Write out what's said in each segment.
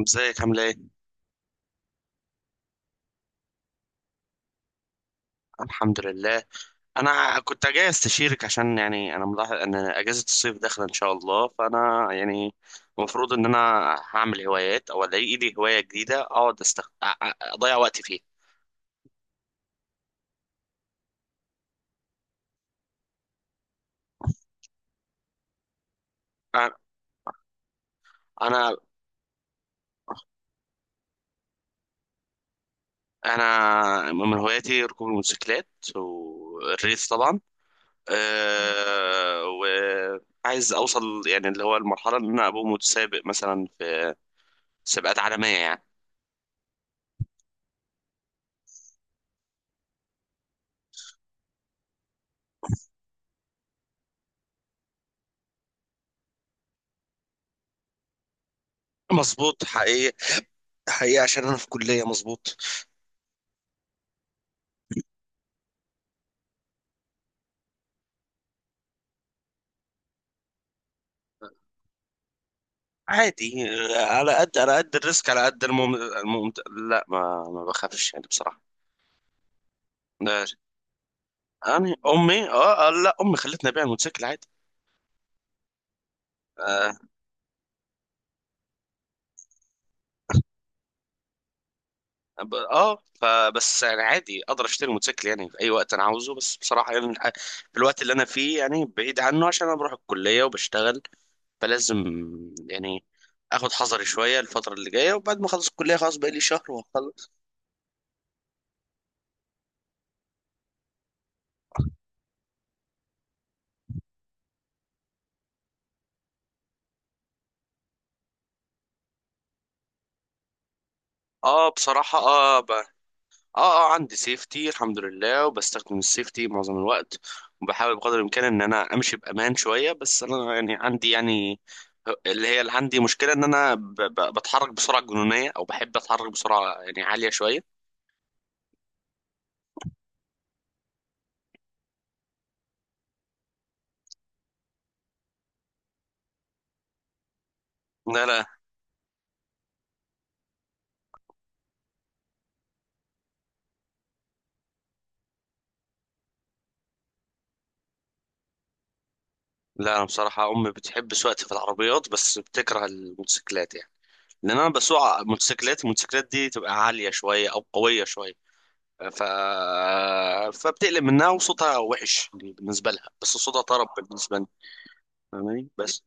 ازيك؟ عامله ايه؟ الحمد لله. انا كنت جاي استشيرك عشان يعني انا ملاحظ ان اجازه الصيف داخله ان شاء الله، فانا يعني المفروض ان انا هعمل هوايات او الاقي لي هوايه جديده اقعد اضيع وقتي فيها. أ- انا انا من هواياتي ركوب الموتوسيكلات، والريس طبعا. أه... وعايز اوصل يعني اللي هو المرحله، ان انا ابقى متسابق مثلا في سباقات عالميه يعني. مظبوط، حقيقي، حقيقي عشان انا في كلية. مظبوط، عادي. على قد على قد الريسك، على قد لا، ما بخافش يعني، بصراحة. لا، يعني امي اه آه، لا امي خلتني ابيع الموتوسيكل عادي. اه، آه، فبس يعني عادي اقدر اشتري موتوسيكل يعني في اي وقت انا عاوزه، بس بصراحة يعني في الوقت اللي انا فيه، يعني بعيد عنه عشان انا بروح الكلية وبشتغل. فلازم يعني اخد حذري شوية الفترة اللي جاية، وبعد ما اخلص الكلية خلاص، بقى لي شهر وخلص. اه بصراحة، اه، اه، اه عندي سيفتي الحمد لله، وبستخدم السيفتي معظم الوقت، وبحاول بقدر الامكان ان انا امشي بامان شويه. بس انا يعني عندي يعني اللي هي اللي عندي مشكله، ان انا بتحرك بسرعه جنونيه، او بحب اتحرك بسرعه يعني عاليه شويه. لا، لا، لا، انا بصراحه امي بتحب سواقتي في العربيات، بس بتكره الموتوسيكلات يعني، لان انا بسوق موتوسيكلات. الموتوسيكلات دي تبقى عاليه شويه او قويه شويه، ف... فبتقلب منها، وصوتها وحش يعني بالنسبه لها، بس صوتها طرب بالنسبه لي. فاهماني بس.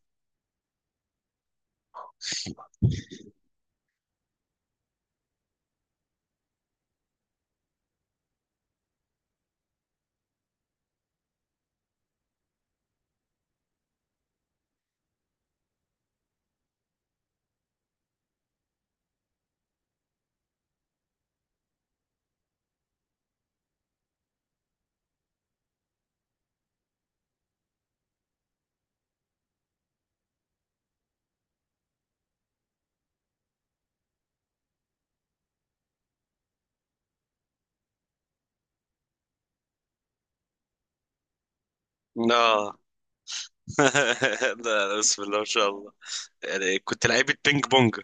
اه، لا، لا، بسم الله ما شاء الله. يعني كنت لعيبة بينج بونج.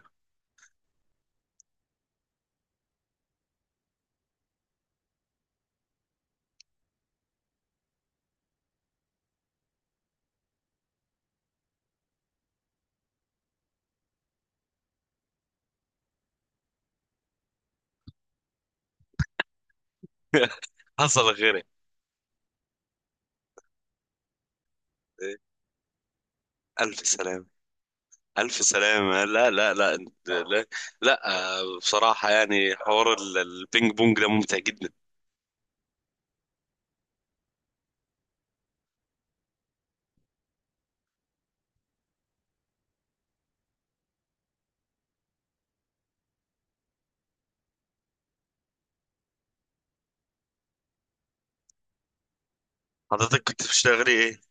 حصل غيري. ألف سلامة، ألف سلامة. لا، لا, لا، آه، بصراحة يعني حوار البينج بونج ده ممتع جدا. حضرتك كنت بتشتغلي إيه؟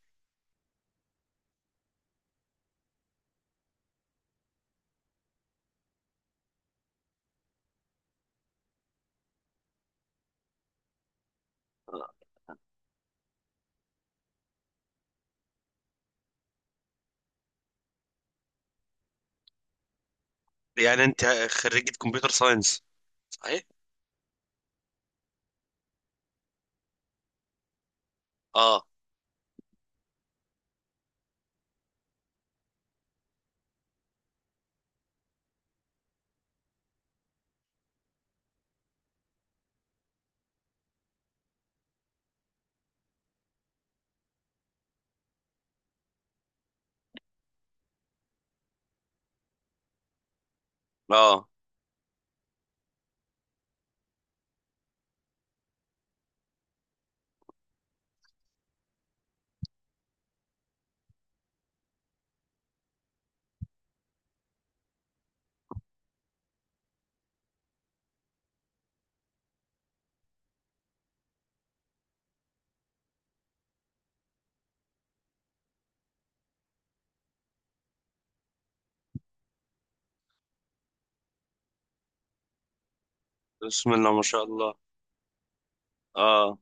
آه، يعني أنت خريجة كمبيوتر ساينس صحيح؟ آه، آه، بسم الله ما شاء الله. آه،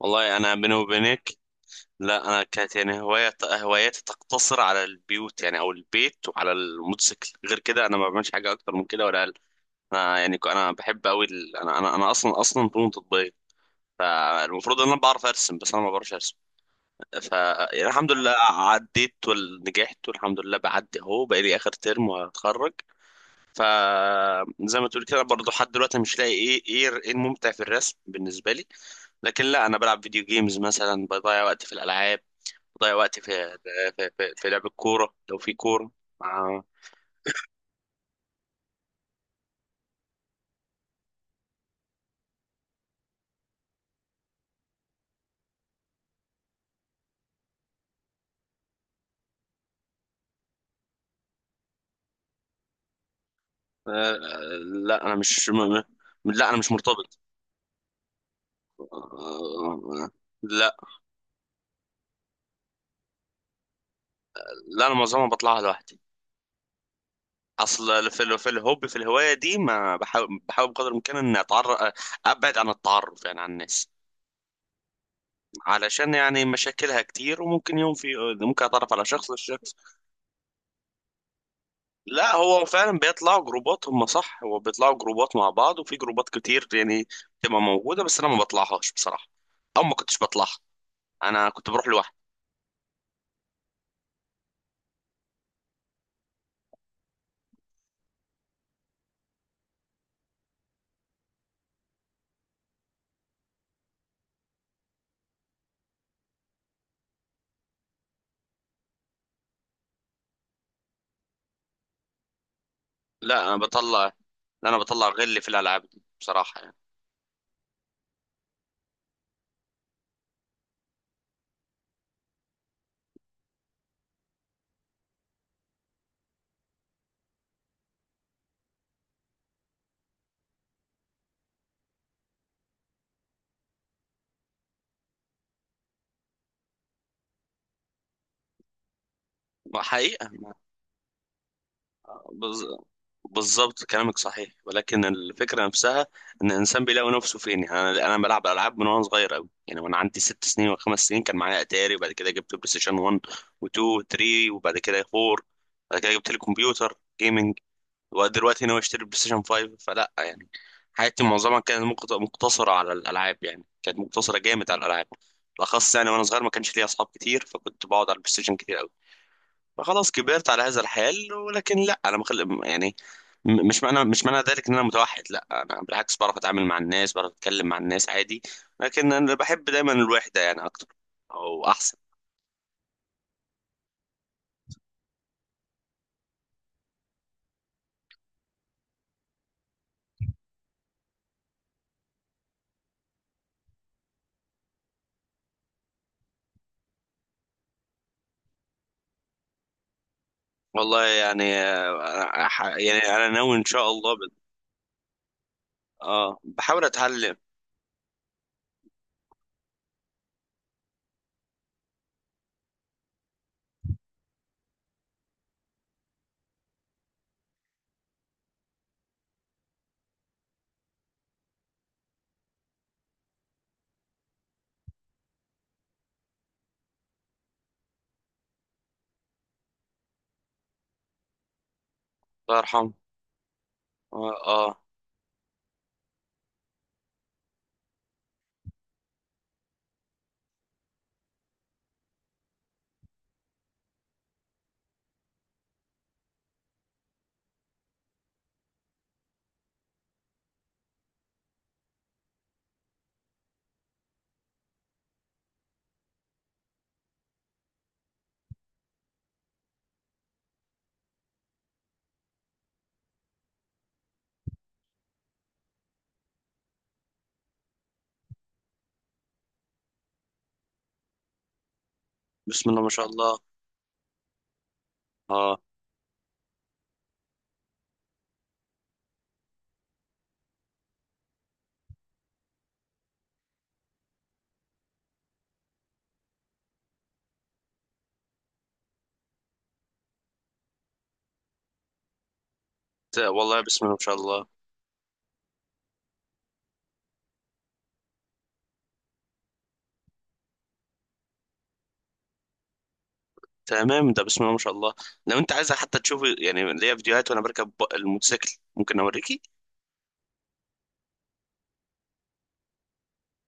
والله أنا بيني وبينك، لا، انا كانت يعني هواية هواياتي تقتصر على البيوت، يعني او البيت وعلى الموتوسيكل. غير كده انا ما بعملش حاجه اكتر من كده ولا اقل. انا يعني انا بحب قوي ال... انا انا انا اصلا، اصلا فنون تطبيقيه، فالمفروض ان انا بعرف ارسم، بس انا ما بعرفش ارسم. ف يعني الحمد لله عديت ونجحت، والحمد لله بعدي اهو، بقى لي اخر ترم وهتخرج. ف زي ما تقول كده برضه، لحد دلوقتي مش لاقي ايه الممتع في الرسم بالنسبه لي. لكن لا، انا بلعب فيديو جيمز مثلا، بضيع وقتي في الالعاب، بضيع وقتي في في لعب الكورة لو في كورة مع... آه، لا أنا مش م... لا أنا مش مرتبط. آه، آه، لا، لا أنا معظمها بطلعها لوحدي. أصل في الهواية دي، ما بحاول بقدر الإمكان إن أتعرف، أبعد عن التعرف يعني عن الناس، علشان يعني مشاكلها كتير، وممكن يوم في ممكن أتعرف على شخص لا، هو فعلا بيطلعوا جروبات. هم صح، هو بيطلعوا جروبات مع بعض، وفي جروبات كتير يعني بتبقى موجودة، بس أنا ما بطلعهاش بصراحة، أو ما كنتش بطلعها. أنا كنت بروح لوحدي. لا أنا بطلع، لا أنا بطلع غلي في الألعاب دي بصراحة يعني. حقيقة. بز... بالظبط كلامك صحيح، ولكن الفكره نفسها ان الانسان بيلاقي نفسه فين يعني. انا بلعب العاب من وانا صغير قوي يعني. وانا عندي 6 سنين وخمس سنين كان معايا اتاري، وبعد كده جبت بلاي ستيشن 1 و2 و3، وبعد كده 4، بعد كده جبت لي كمبيوتر جيمنج. ودلوقتي ناوي اشتري بلاي ستيشن 5، فلا يعني. حياتي معظمها كانت مقتصره على الالعاب، يعني كانت مقتصره جامد على الالعاب بالاخص يعني. وانا صغير ما كانش ليا اصحاب كتير، فكنت بقعد على البلاي ستيشن كتير. خلاص كبرت على هذا الحال. ولكن لا، انا يعني مش معنى ذلك ان انا متوحد، لا، انا بالعكس بعرف اتعامل مع الناس، بعرف اتكلم مع الناس عادي. لكن انا بحب دايما الوحده يعني اكتر، او احسن. والله يعني آه، أنا يعني انا ناوي ان شاء الله اه بحاول اتعلم. الله يرحمه. آه، اه. بسم الله ما شاء الله، اه. والله بسم الله ما شاء الله. تمام ده، بسم الله ما شاء الله. لو انت عايز حتى تشوف يعني ليا فيديوهات وانا بركب الموتوسيكل، ممكن اوريكي.